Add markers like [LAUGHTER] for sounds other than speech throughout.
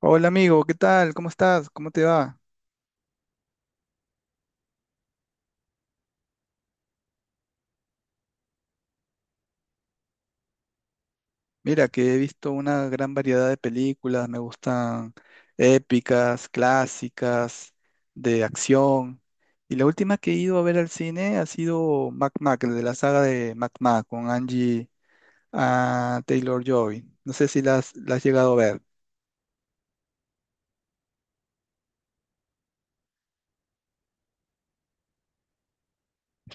Hola amigo, ¿qué tal? ¿Cómo estás? ¿Cómo te va? Mira, que he visto una gran variedad de películas, me gustan épicas, clásicas, de acción. Y la última que he ido a ver al cine ha sido Mac Mac, el de la saga de Mac Mac con Angie Taylor-Joy. No sé si la has llegado a ver.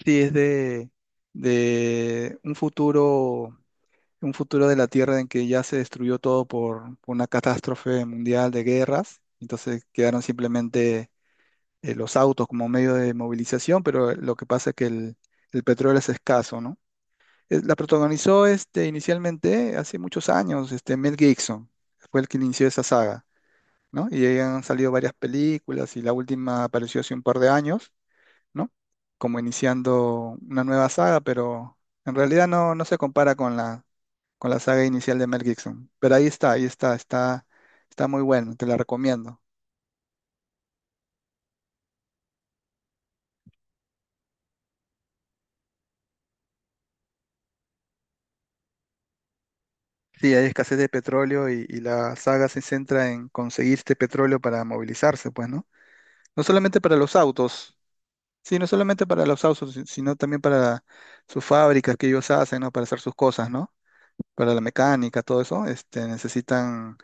Sí, es de un futuro de la Tierra en que ya se destruyó todo por una catástrofe mundial de guerras. Entonces quedaron simplemente, los autos como medio de movilización, pero lo que pasa es que el petróleo es escaso, ¿no? La protagonizó este, inicialmente hace muchos años, este, Mel Gibson, fue el que inició esa saga, ¿no? Y ahí han salido varias películas y la última apareció hace un par de años, ¿no? Como iniciando una nueva saga, pero en realidad no se compara con la saga inicial de Mel Gibson. Pero ahí está, está muy bueno, te la recomiendo. Sí, hay escasez de petróleo y la saga se centra en conseguir este petróleo para movilizarse, pues, ¿no? No solamente para los autos, sí, no solamente para los autos, sino también para sus fábricas que ellos hacen, ¿no? Para hacer sus cosas, ¿no? Para la mecánica, todo eso, este, necesitan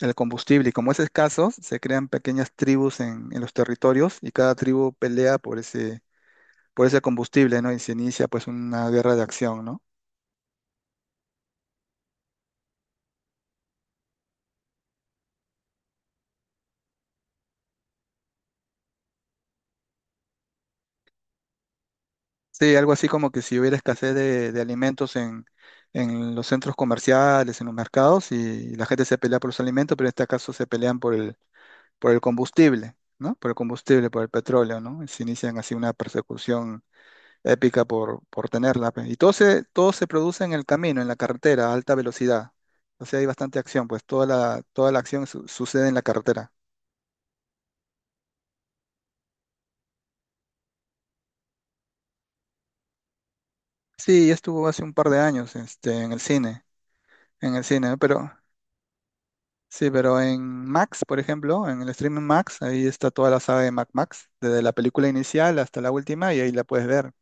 el combustible. Y como es escaso, se crean pequeñas tribus en los territorios y cada tribu pelea por ese combustible, ¿no? Y se inicia pues una guerra de acción, ¿no? Sí, algo así como que si hubiera escasez de alimentos en los centros comerciales, en los mercados, y la gente se pelea por los alimentos, pero en este caso se pelean por el combustible, ¿no? Por el combustible, por el petróleo, ¿no? Y se inician así una persecución épica por tenerla, pues. Y todo se produce en el camino, en la carretera, a alta velocidad. O sea, hay bastante acción, pues toda la acción sucede en la carretera. Sí, ya estuvo hace un par de años, este, en el cine, pero sí, pero en Max, por ejemplo, en el streaming Max, ahí está toda la saga de Mac Max, desde la película inicial hasta la última, y ahí la puedes ver.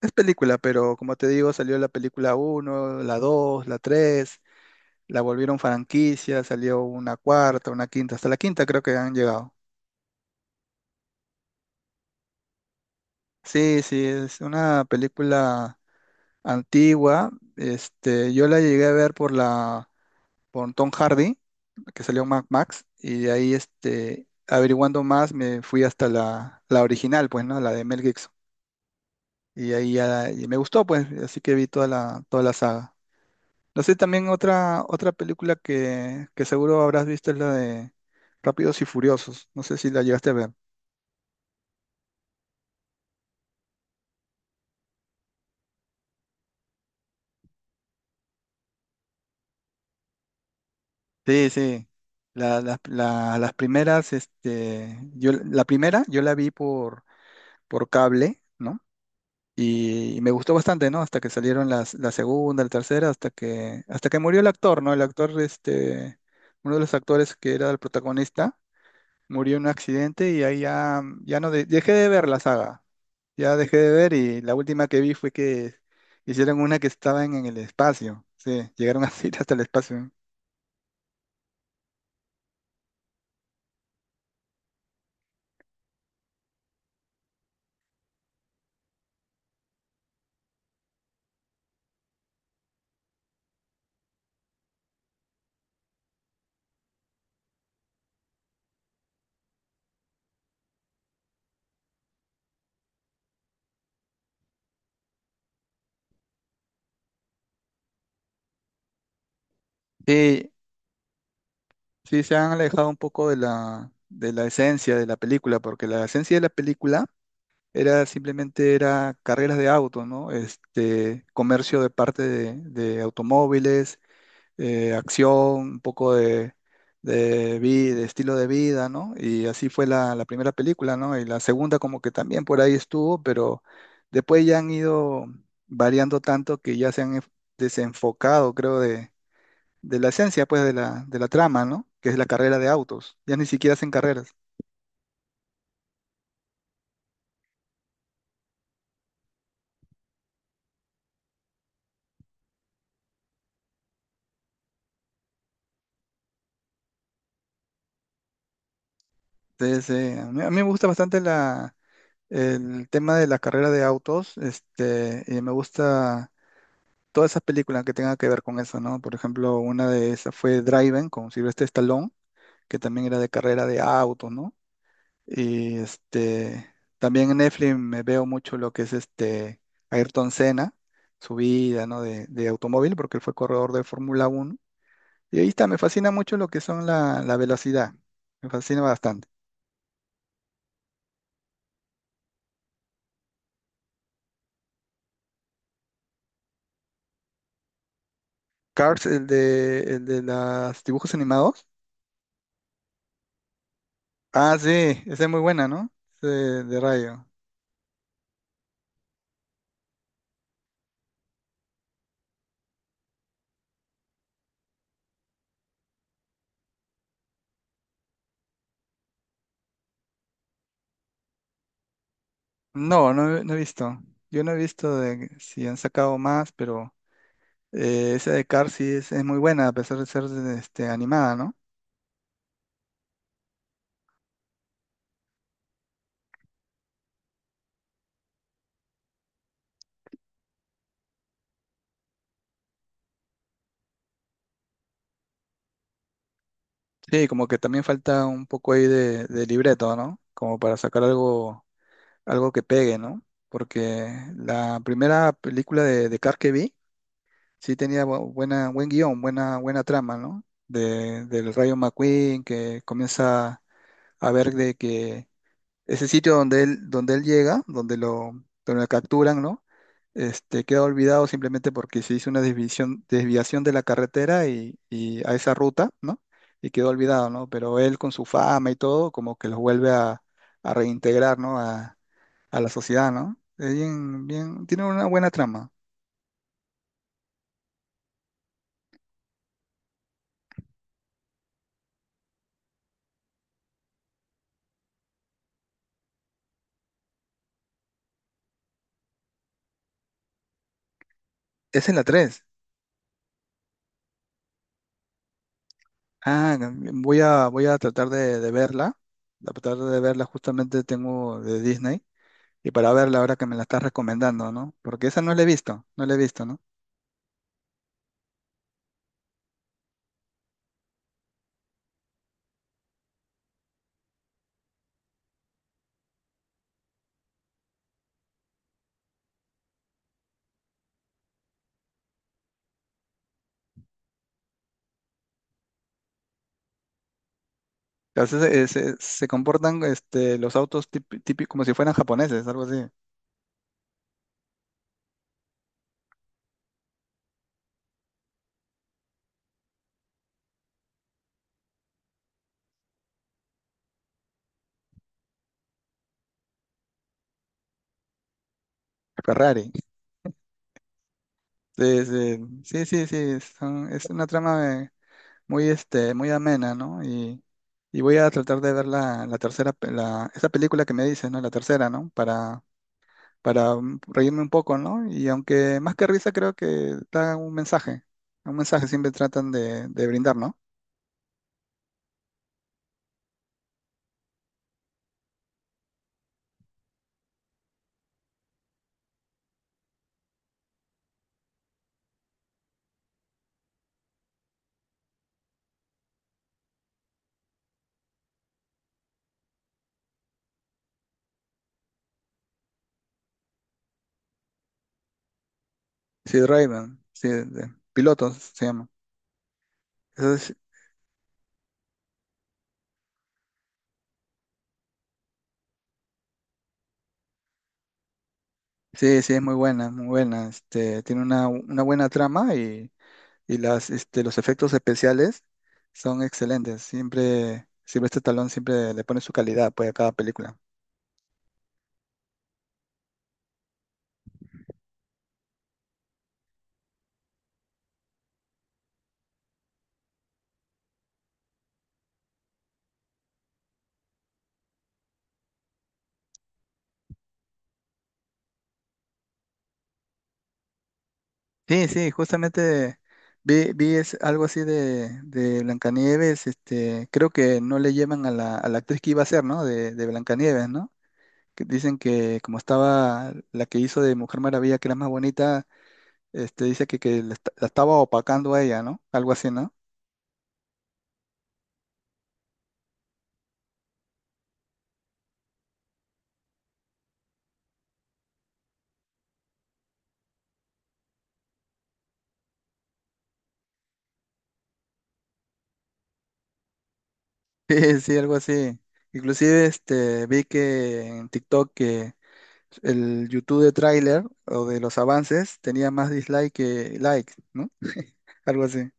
Es película, pero como te digo, salió la película uno, la 2, la 3, la volvieron franquicia, salió una cuarta, una quinta, hasta la quinta creo que han llegado. Sí, sí, es una película antigua. Este, yo la llegué a ver por Tom Hardy que salió en Mad Max, y de ahí este, averiguando más me fui hasta la original, pues, ¿no? La de Mel Gibson. Y ahí ya y me gustó, pues, así que vi toda la saga. No sé, también otra película que seguro habrás visto es la de Rápidos y Furiosos. No sé si la llegaste a ver. Sí, sí. Las primeras, este, yo, la primera yo la vi por cable, ¿no? Y me gustó bastante, ¿no? Hasta que salieron la segunda, la tercera, hasta que murió el actor, ¿no? El actor, este, uno de los actores que era el protagonista, murió en un accidente y ahí ya, ya no dejé de ver la saga. Ya dejé de ver y la última que vi fue que hicieron una que estaban en el espacio. Sí, llegaron así [LAUGHS] hasta el espacio. Sí, sí, se han alejado un poco de la esencia de la película, porque la esencia de la película era simplemente era carreras de autos, ¿no? Este, comercio de parte de automóviles, acción, un poco de estilo de vida, ¿no? Y así fue la primera película, ¿no? Y la segunda como que también por ahí estuvo, pero después ya han ido variando tanto que ya se han desenfocado, creo, de la esencia, pues, de la trama, ¿no? Que es la carrera de autos. Ya ni siquiera hacen carreras. Entonces, a mí me gusta bastante la el tema de la carrera de autos, este, y me gusta todas esas películas que tengan que ver con eso, ¿no? Por ejemplo, una de esas fue Driven con Sylvester Stallone, que también era de carrera de autos, ¿no? Y este, también en Netflix me veo mucho lo que es este Ayrton Senna, su vida, ¿no? De automóvil, porque él fue corredor de Fórmula 1. Y ahí está, me fascina mucho lo que son la velocidad, me fascina bastante. Cars, el de los dibujos animados. Ah, sí, esa es muy buena, ¿no? Sí, de Rayo. No, no, he no he visto. Yo no he visto de si han sacado más, pero esa de Cars sí es muy buena, a pesar de ser este, animada, ¿no? Sí, como que también falta un poco ahí de libreto, ¿no? Como para sacar algo, algo que pegue, ¿no? Porque la primera película de Cars que vi sí tenía buena, buen guión, buena trama, ¿no? Del Rayo McQueen que comienza a ver de que ese sitio donde él llega, donde lo capturan, ¿no? Este, queda olvidado simplemente porque se hizo una desviación de la carretera y a esa ruta, ¿no? Y quedó olvidado, ¿no? Pero él con su fama y todo, como que los vuelve a reintegrar, ¿no? A la sociedad, ¿no? Es bien, bien, tiene una buena trama. Esa es en la tres. Ah, voy a tratar de verla. A tratar de verla justamente tengo de Disney y para verla ahora que me la estás recomendando, ¿no? Porque esa no la he visto, no la he visto, ¿no? Entonces, se comportan este, los autos típicos como si fueran japoneses, algo así. Ferrari. Sí, sí, sí, sí, sí, es una trama, este, muy amena, ¿no? Y voy a tratar de ver la tercera, esa película que me dices, ¿no? La tercera, ¿no? Para reírme un poco, ¿no? Y aunque más que risa creo que da un mensaje siempre tratan de brindar, ¿no? Sí, Rayman, sí, pilotos se llama. Eso es- sí, sí, es muy buena, muy buena. Este, tiene una buena trama y este, los efectos especiales son excelentes. Siempre, siempre este talón siempre le pone su calidad pues, a cada película. Sí, sí, justamente vi es algo así de Blancanieves. Este, creo que no le llevan a la actriz que iba a ser, ¿no? De Blancanieves, ¿no? Que dicen que como estaba la que hizo de Mujer Maravilla, que era más bonita. Este, dice que la estaba opacando a ella, ¿no? Algo así, ¿no? [LAUGHS] Sí, sí, algo así. Inclusive este, vi que en TikTok que el YouTube de tráiler o de los avances tenía más dislike que like, ¿no? [LAUGHS] Algo así.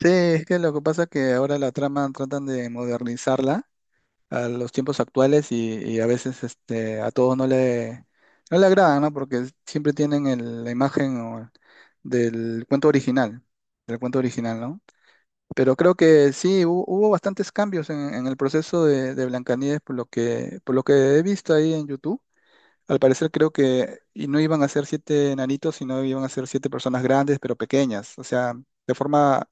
Sí, es que lo que pasa es que ahora la trama tratan de modernizarla a los tiempos actuales y a veces este, a todos no le agrada, ¿no? Porque siempre tienen la imagen del cuento original, del cuento original, ¿no? Pero creo que sí, hubo bastantes cambios en el proceso de Blancanieves, por lo que he visto ahí en YouTube. Al parecer creo que y no iban a ser siete enanitos, sino iban a ser siete personas grandes, pero pequeñas. O sea, de forma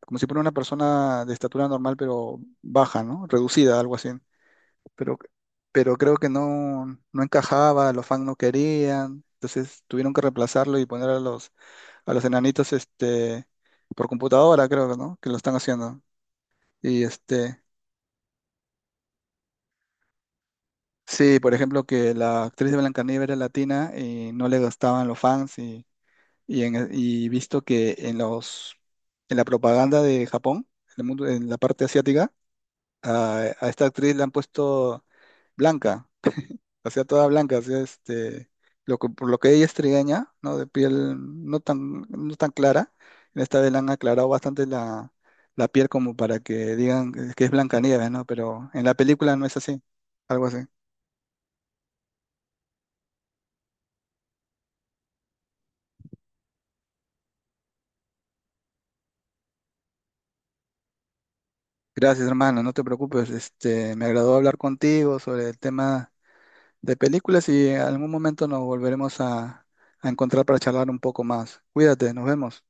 como si fuera una persona de estatura normal, pero baja, ¿no? Reducida, algo así. Pero, pero creo que no encajaba, los fans no querían. Entonces tuvieron que reemplazarlo y poner a los enanitos este, por computadora, creo, ¿no? Que lo están haciendo. Y este, sí, por ejemplo, que la actriz de Blancanieves era latina y no le gustaban los fans y visto que en la propaganda de Japón, en el mundo, en la parte asiática, a esta actriz la han puesto blanca. O sea, toda blanca. O sea, este, por lo que ella es trigueña, ¿no? De piel no tan clara, en esta vez la han aclarado bastante la piel como para que digan que es Blancanieves, ¿no? Pero en la película no es así, algo así. Gracias, hermano, no te preocupes. Este, me agradó hablar contigo sobre el tema de películas y en algún momento nos volveremos a encontrar para charlar un poco más. Cuídate, nos vemos.